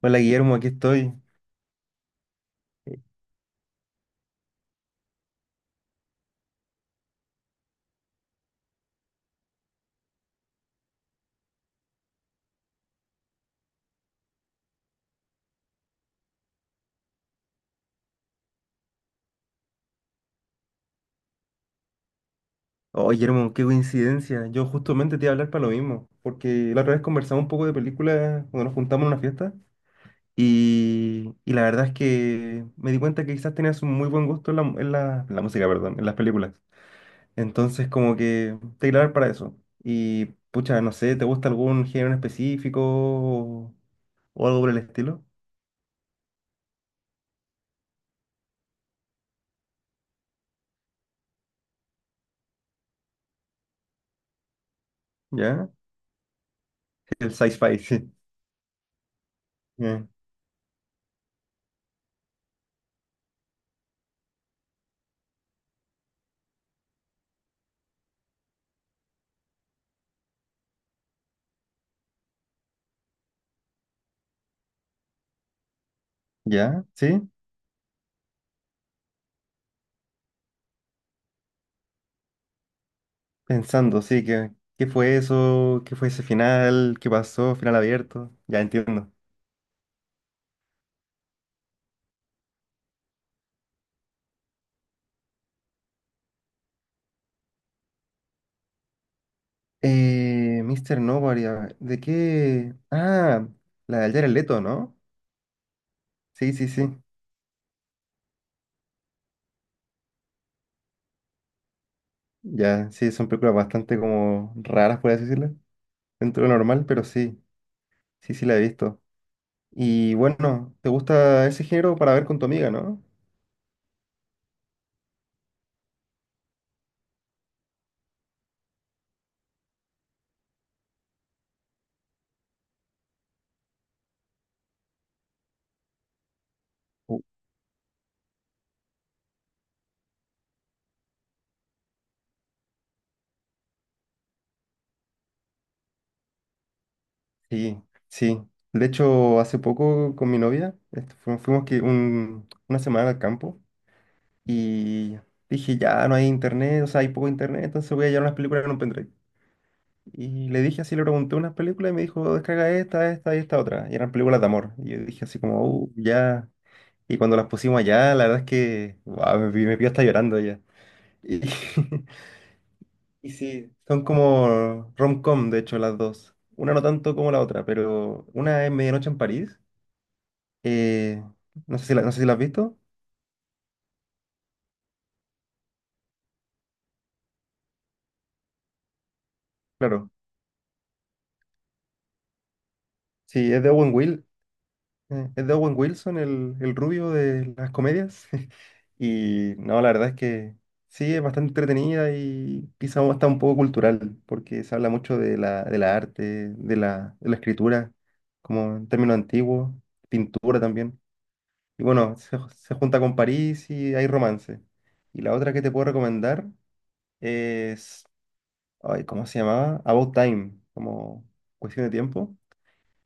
Hola Guillermo, aquí estoy. Oh Guillermo, qué coincidencia. Yo justamente te iba a hablar para lo mismo, porque la otra vez conversamos un poco de películas cuando nos juntamos en una fiesta y la verdad es que me di cuenta que quizás tenías un muy buen gusto en la música, perdón, en las películas. Entonces como que te iba a hablar para eso. Y pucha, no sé, ¿te gusta algún género en específico o algo por el estilo? ¿Ya? El sci-fi, sí. Eh, ¿Ya? ¿Sí? Pensando, sí, ¿que qué fue eso? ¿Qué fue ese final? ¿Qué pasó? Final abierto. Ya entiendo. Mr. Nobody, a ver, ¿de qué? Ah, la de Jared Leto, ¿no? Sí, sí, sí. Ya, sí, son películas bastante como raras, por así decirlo, dentro de lo normal, pero sí, sí, sí la he visto. Y bueno, ¿te gusta ese género para ver con tu amiga, no? Uh, sí, sí. De hecho, hace poco con mi novia, fuimos una semana al campo. Y dije, ya no hay internet, o sea, hay poco internet, entonces voy a llevar unas películas en un pendrive. Y le dije así, le pregunté unas películas y me dijo, descarga esta, esta y esta otra. Y eran películas de amor. Y yo dije así como, ya. Y cuando las pusimos allá, la verdad es que, guau, me pilló hasta llorando ya. Y y sí, son como rom-com, de hecho, las dos. Una no tanto como la otra, pero una es Medianoche en París. eh, no sé si la, no sé si la has visto. Claro. Sí, es de Owen Wilson. Es de Owen Wilson, el rubio de las comedias. Y no, la verdad es que sí, es bastante entretenida y quizá hasta un poco cultural, porque se habla mucho de la arte, de la escritura, como en términos antiguos, pintura también. Y bueno, se junta con París y hay romance. Y la otra que te puedo recomendar es, ay, ¿cómo se llamaba? About Time, como cuestión de tiempo.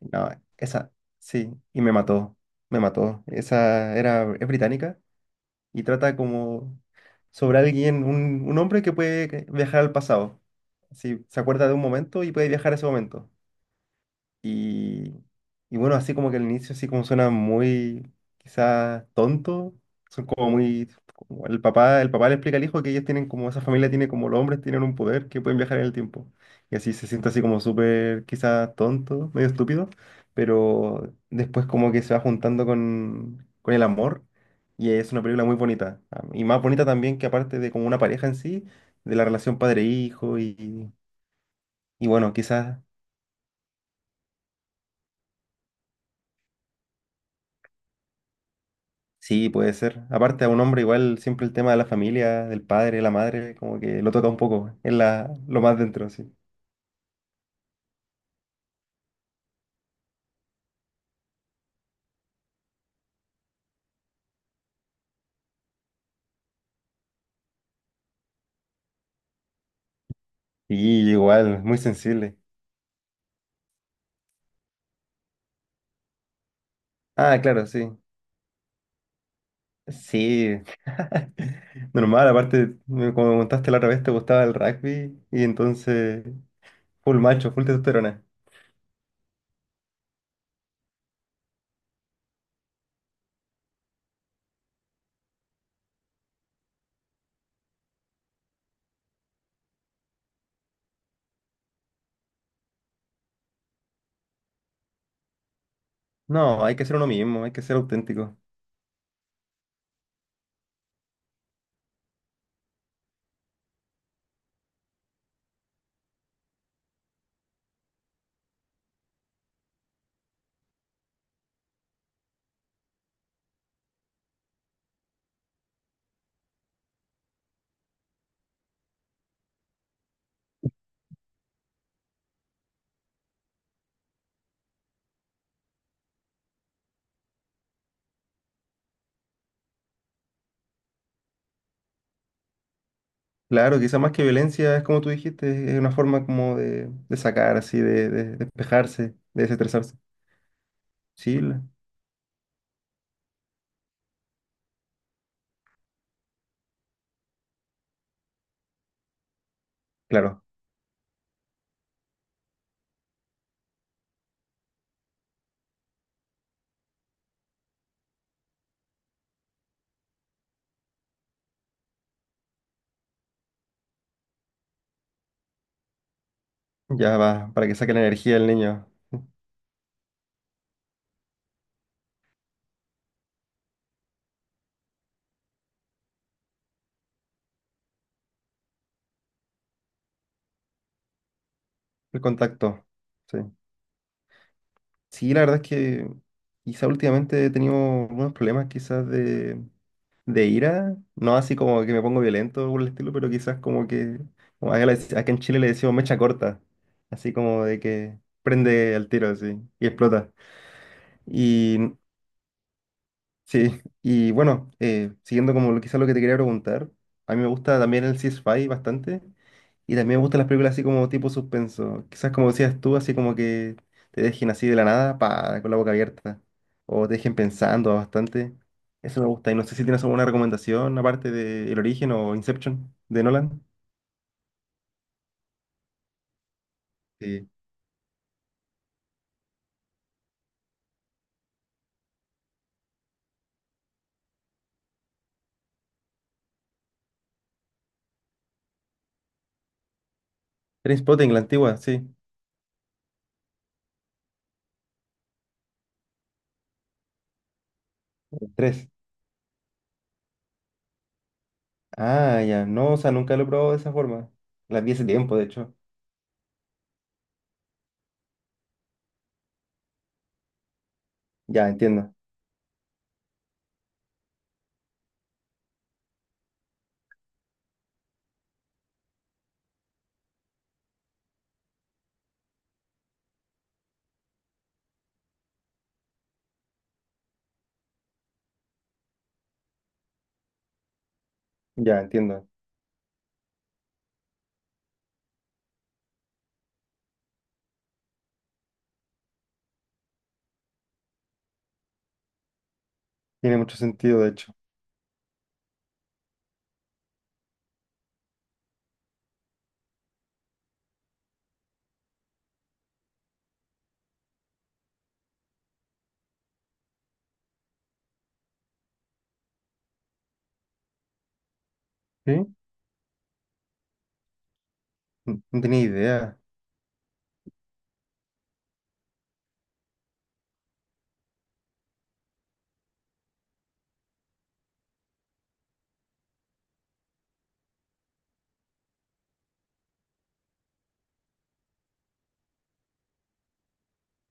No, esa, sí, y me mató, me mató. Esa era, es británica y trata como sobre alguien, un hombre que puede viajar al pasado. Sí, se acuerda de un momento y puede viajar a ese momento. Y, y bueno, así como que al inicio así como suena muy quizás tonto, son como muy... como el papá le explica al hijo que ellos tienen como, esa familia tiene como los hombres tienen un poder que pueden viajar en el tiempo. Y así se siente así como súper quizás tonto, medio estúpido, pero después como que se va juntando con el amor y es una película muy bonita. Ah, y más bonita también que aparte de como una pareja en sí, de la relación padre-hijo y bueno, quizás... Sí, puede ser. Aparte, a un hombre igual siempre el tema de la familia, del padre, la madre, como que lo toca un poco, es la, lo más dentro, sí. Y igual, muy sensible. Ah, claro, sí. Sí. Normal, aparte, como me contaste la otra vez, te gustaba el rugby y entonces, full macho, full testosterona. No, hay que ser uno mismo, hay que ser auténtico. Claro, quizá más que violencia, es como tú dijiste, es una forma como de sacar, así, de despejarse, de desestresarse. Sí, la- claro. Ya va, para que saque la energía del niño. El contacto. Sí. Sí, la verdad es que quizá últimamente he tenido unos problemas quizás de ira. No así como que me pongo violento o el estilo, pero quizás como que, como acá, acá en Chile le decimos mecha corta. Así como de que prende al tiro así y explota. Sí, y bueno, siguiendo como quizá lo que te quería preguntar, a mí me gusta también el sci-fi bastante y también me gustan las películas así como tipo suspenso, quizás como decías tú, así como que te dejen así de la nada, pa, con la boca abierta o te dejen pensando bastante, eso me gusta y no sé si tienes alguna recomendación aparte de El Origen o Inception de Nolan. Sí. Spotting la antigua, sí, el tres. Ah, ya, no, o sea, nunca lo he probado de esa forma, las vi hace tiempo, de hecho, ya entiendo, ya entiendo. Tiene mucho sentido, de hecho. ¿Sí? No, no tenía idea.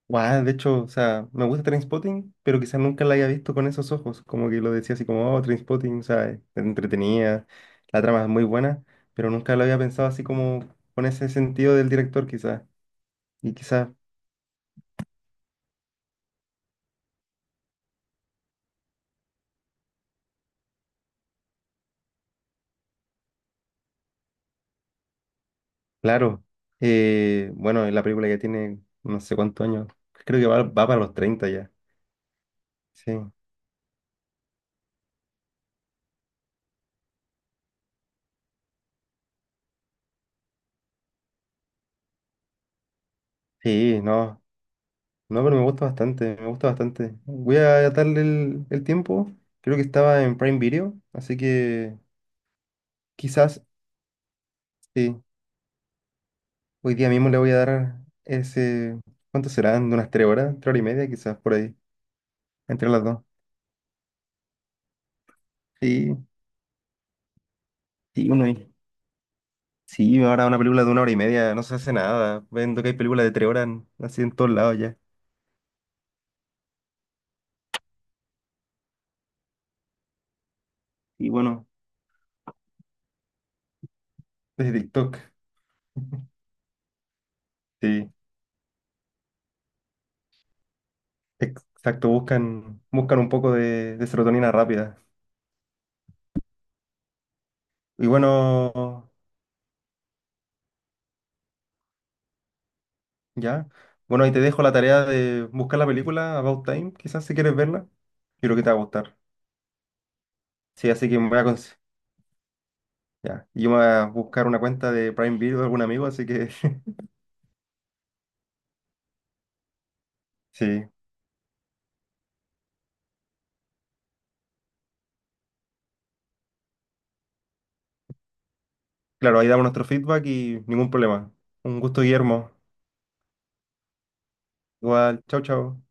Guau, de hecho, o sea, me gusta Trainspotting, pero quizás nunca la haya visto con esos ojos. Como que lo decía así como, oh, Trainspotting, o sea, es entretenida, la trama es muy buena, pero nunca lo había pensado así como con ese sentido del director, quizás. Y quizás, claro, bueno, la película ya tiene no sé cuántos años, creo que va para los 30 ya. Sí, sí, no. No, pero me gusta bastante, me gusta bastante. Voy a darle el tiempo. Creo que estaba en Prime Video, así que quizás sí. Hoy día mismo le voy a dar ese. ¿Cuánto serán? ¿De unas 3 horas? ¿Tres horas y media? Quizás por ahí, entre las dos. Sí, sí, uno ahí. Sí, ahora una película de 1 hora y media no se hace nada. Vendo que hay películas de 3 horas así en todos lados ya. Y bueno, desde TikTok. Sí, exacto, buscan, buscan un poco de serotonina rápida. Y bueno. Ya. Bueno, ahí te dejo la tarea de buscar la película About Time, quizás si quieres verla. Yo creo que te va a gustar. Sí, así que me voy a ya. Y yo me voy a buscar una cuenta de Prime Video de algún amigo, así que sí. Claro, ahí damos nuestro feedback y ningún problema. Un gusto, Guillermo. Igual, chao, chao.